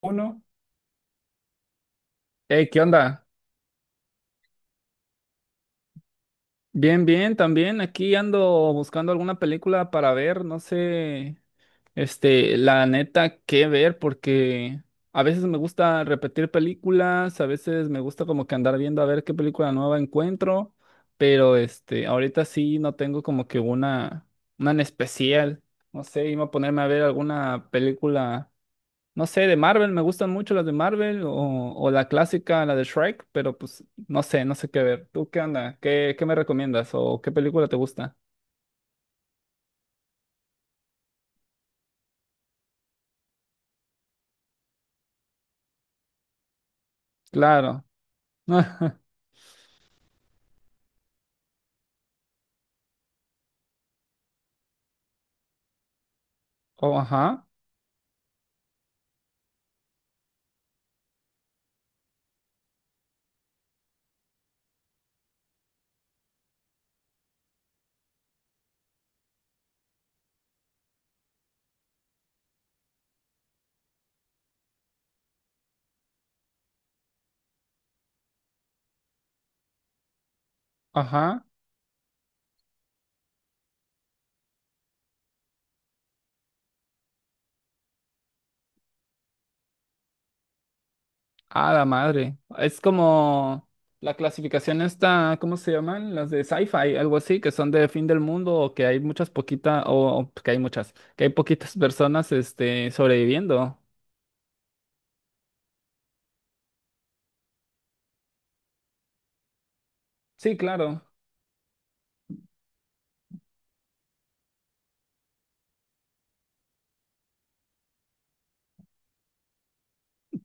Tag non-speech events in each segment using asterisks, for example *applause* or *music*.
Uno. Hey, ¿qué onda? Bien, bien, también. Aquí ando buscando alguna película para ver, no sé, la neta, qué ver, porque a veces me gusta repetir películas, a veces me gusta como que andar viendo a ver qué película nueva encuentro, pero ahorita sí no tengo como que una en especial. No sé, iba a ponerme a ver alguna película. No sé, de Marvel, me gustan mucho las de Marvel o la clásica, la de Shrek, pero pues no sé, no sé qué ver. ¿Tú qué onda? ¿Qué me recomiendas? ¿O qué película te gusta? Claro. *laughs* Oh, ajá, ajá. Ah, la madre. Es como la clasificación esta, ¿cómo se llaman? Las de sci-fi, algo así, que son de fin del mundo o que hay muchas poquitas, o que hay muchas, que hay poquitas personas sobreviviendo. Sí, claro.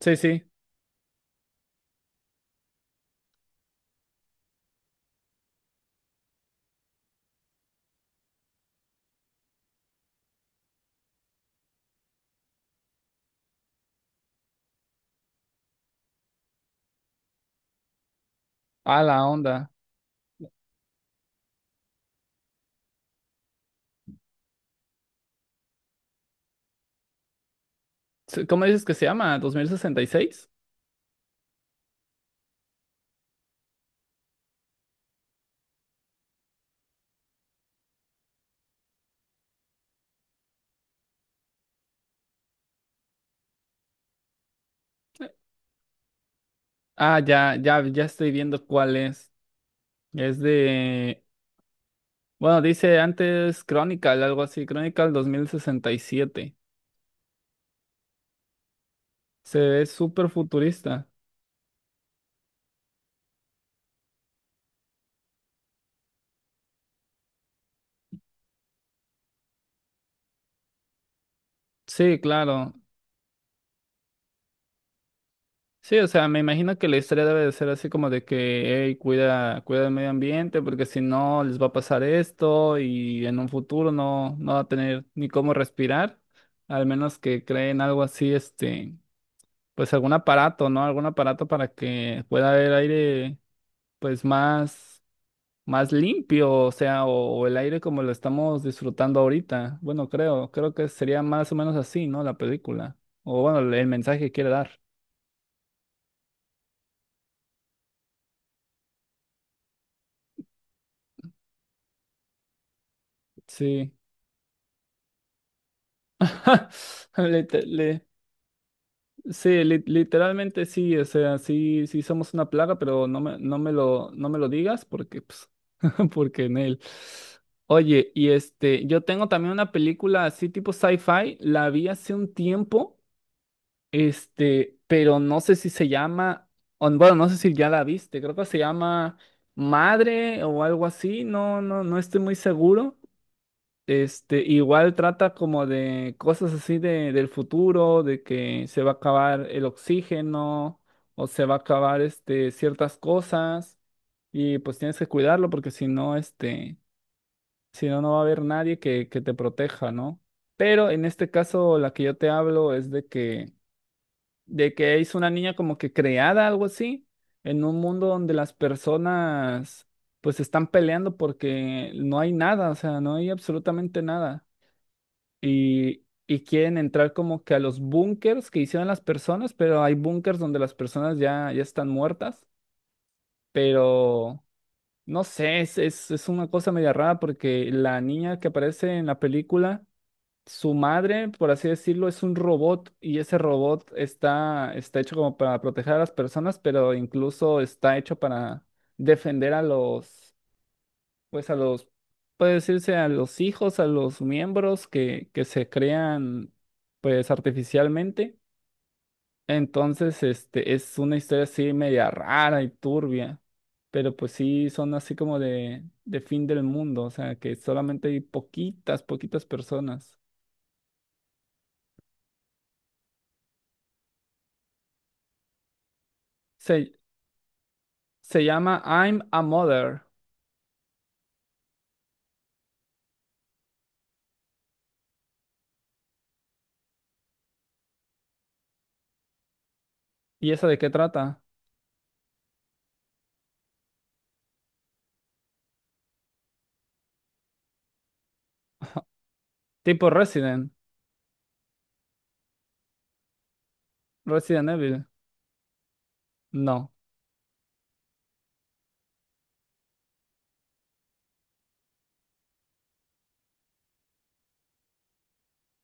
Sí, sí. A la onda. ¿Cómo dices que se llama? 2066. Ah, ya, ya, ya estoy viendo cuál es. Es de, bueno, dice antes Chronicle, algo así, Chronicle 2067. Se ve súper futurista. Sí, claro. Sí, o sea, me imagino que la historia debe de ser así como de que, hey, cuida, cuida el medio ambiente, porque si no les va a pasar esto y en un futuro no, no va a tener ni cómo respirar, al menos que creen algo así, Pues algún aparato, ¿no? Algún aparato para que pueda haber aire, pues más, más limpio, o sea, o el aire como lo estamos disfrutando ahorita. Bueno, creo, creo que sería más o menos así, ¿no? La película. O bueno, el mensaje que quiere dar. Sí. *laughs* Lite- le- sí, literalmente sí, o sea, sí, sí somos una plaga, pero no me lo digas porque pues, *laughs* porque en él. Oye, y yo tengo también una película así tipo sci-fi, la vi hace un tiempo, pero no sé si se llama, o bueno, no sé si ya la viste, creo que se llama Madre o algo así, no, no, no estoy muy seguro. Igual trata como de cosas así de, del futuro, de que se va a acabar el oxígeno o se va a acabar ciertas cosas y pues tienes que cuidarlo porque si no, si no, no va a haber nadie que te proteja, ¿no? Pero en este caso, la que yo te hablo es de que es una niña como que creada, algo así, en un mundo donde las personas pues están peleando porque no hay nada, o sea, no hay absolutamente nada. Y quieren entrar como que a los búnkers que hicieron las personas, pero hay búnkers donde las personas ya, ya están muertas, pero no sé, es una cosa media rara porque la niña que aparece en la película su madre, por así decirlo, es un robot y ese robot está, está hecho como para proteger a las personas, pero incluso está hecho para defender a los, pues a los, puede decirse, a los hijos, a los miembros que se crean, pues artificialmente. Entonces, es una historia así media rara y turbia, pero pues sí son así como de fin del mundo, o sea, que solamente hay poquitas, poquitas personas. Se- Se llama I'm a Mother. ¿Y esa de qué trata? Tipo Resident. Resident Evil. No.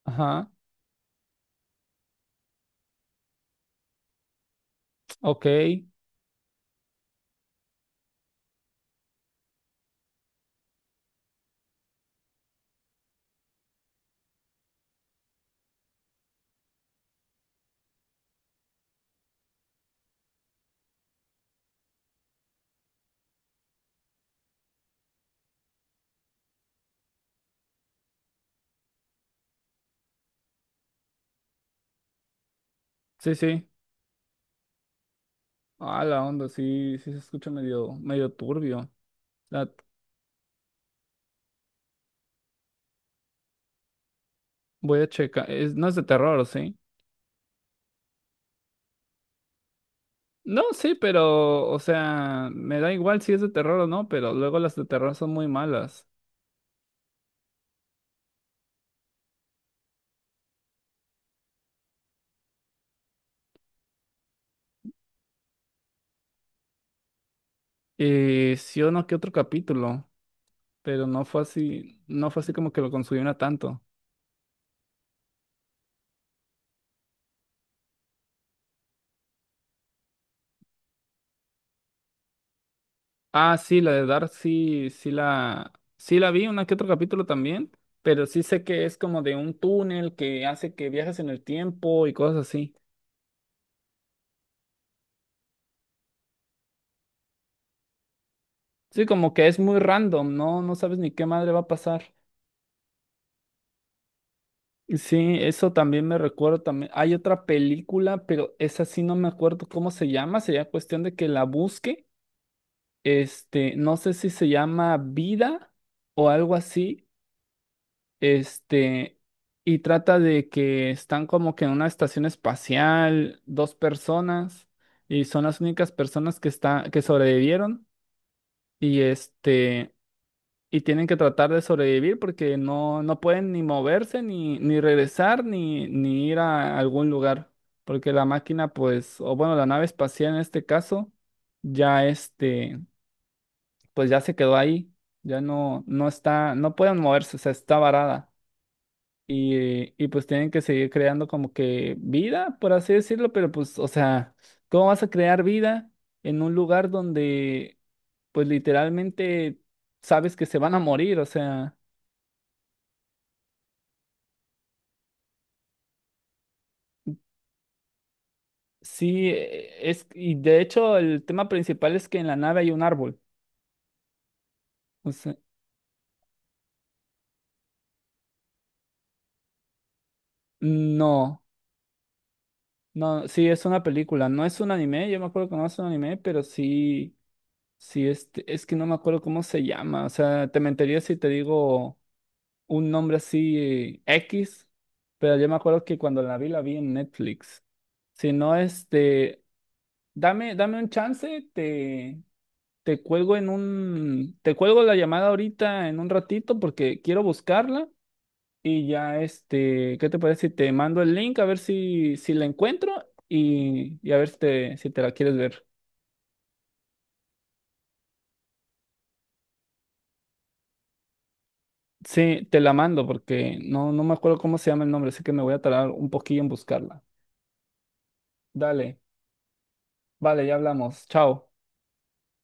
Ajá. Ok. Sí, sí. Ah, la onda, sí, sí se escucha medio, medio turbio. La- Voy a checar. ¿No es de terror, sí? No, sí, pero, o sea, me da igual si es de terror o no, pero luego las de terror son muy malas. Sí o no, que otro capítulo, pero no fue así, no fue así como que lo consumiera tanto. Ah, sí, la de Dark sí, sí la vi, una que otro capítulo también, pero sí sé que es como de un túnel que hace que viajes en el tiempo y cosas así. Sí, como que es muy random, ¿no? No sabes ni qué madre va a pasar. Y sí, eso también me recuerdo también. Hay otra película, pero esa sí no me acuerdo cómo se llama, sería cuestión de que la busque. No sé si se llama Vida o algo así. Este, y trata de que están como que en una estación espacial, dos personas, y son las únicas personas que está, que sobrevivieron, y y tienen que tratar de sobrevivir porque no, no pueden ni moverse, ni, ni regresar, ni, ni ir a algún lugar. Porque la máquina, pues, o bueno, la nave espacial en este caso, ya pues ya se quedó ahí, ya no, no está, no pueden moverse, o sea, está varada. Y pues tienen que seguir creando como que vida, por así decirlo, pero pues, o sea, ¿cómo vas a crear vida en un lugar donde, pues literalmente sabes que se van a morir? O sea, sí, es, y de hecho el tema principal es que en la nave hay un árbol. O sea, no, no, sí, es una película, no es un anime, yo me acuerdo que no es un anime, pero sí, sí, es que no me acuerdo cómo se llama, o sea, te mentiría si te digo un nombre así X, pero yo me acuerdo que cuando la vi en Netflix. Si no, dame, dame un chance, te, te cuelgo la llamada ahorita en un ratito porque quiero buscarla y ya, ¿qué te parece si te mando el link a ver si, si la encuentro y a ver si te, si te la quieres ver? Sí, te la mando porque no, no me acuerdo cómo se llama el nombre, así que me voy a tardar un poquillo en buscarla. Dale, vale, ya hablamos. Chao.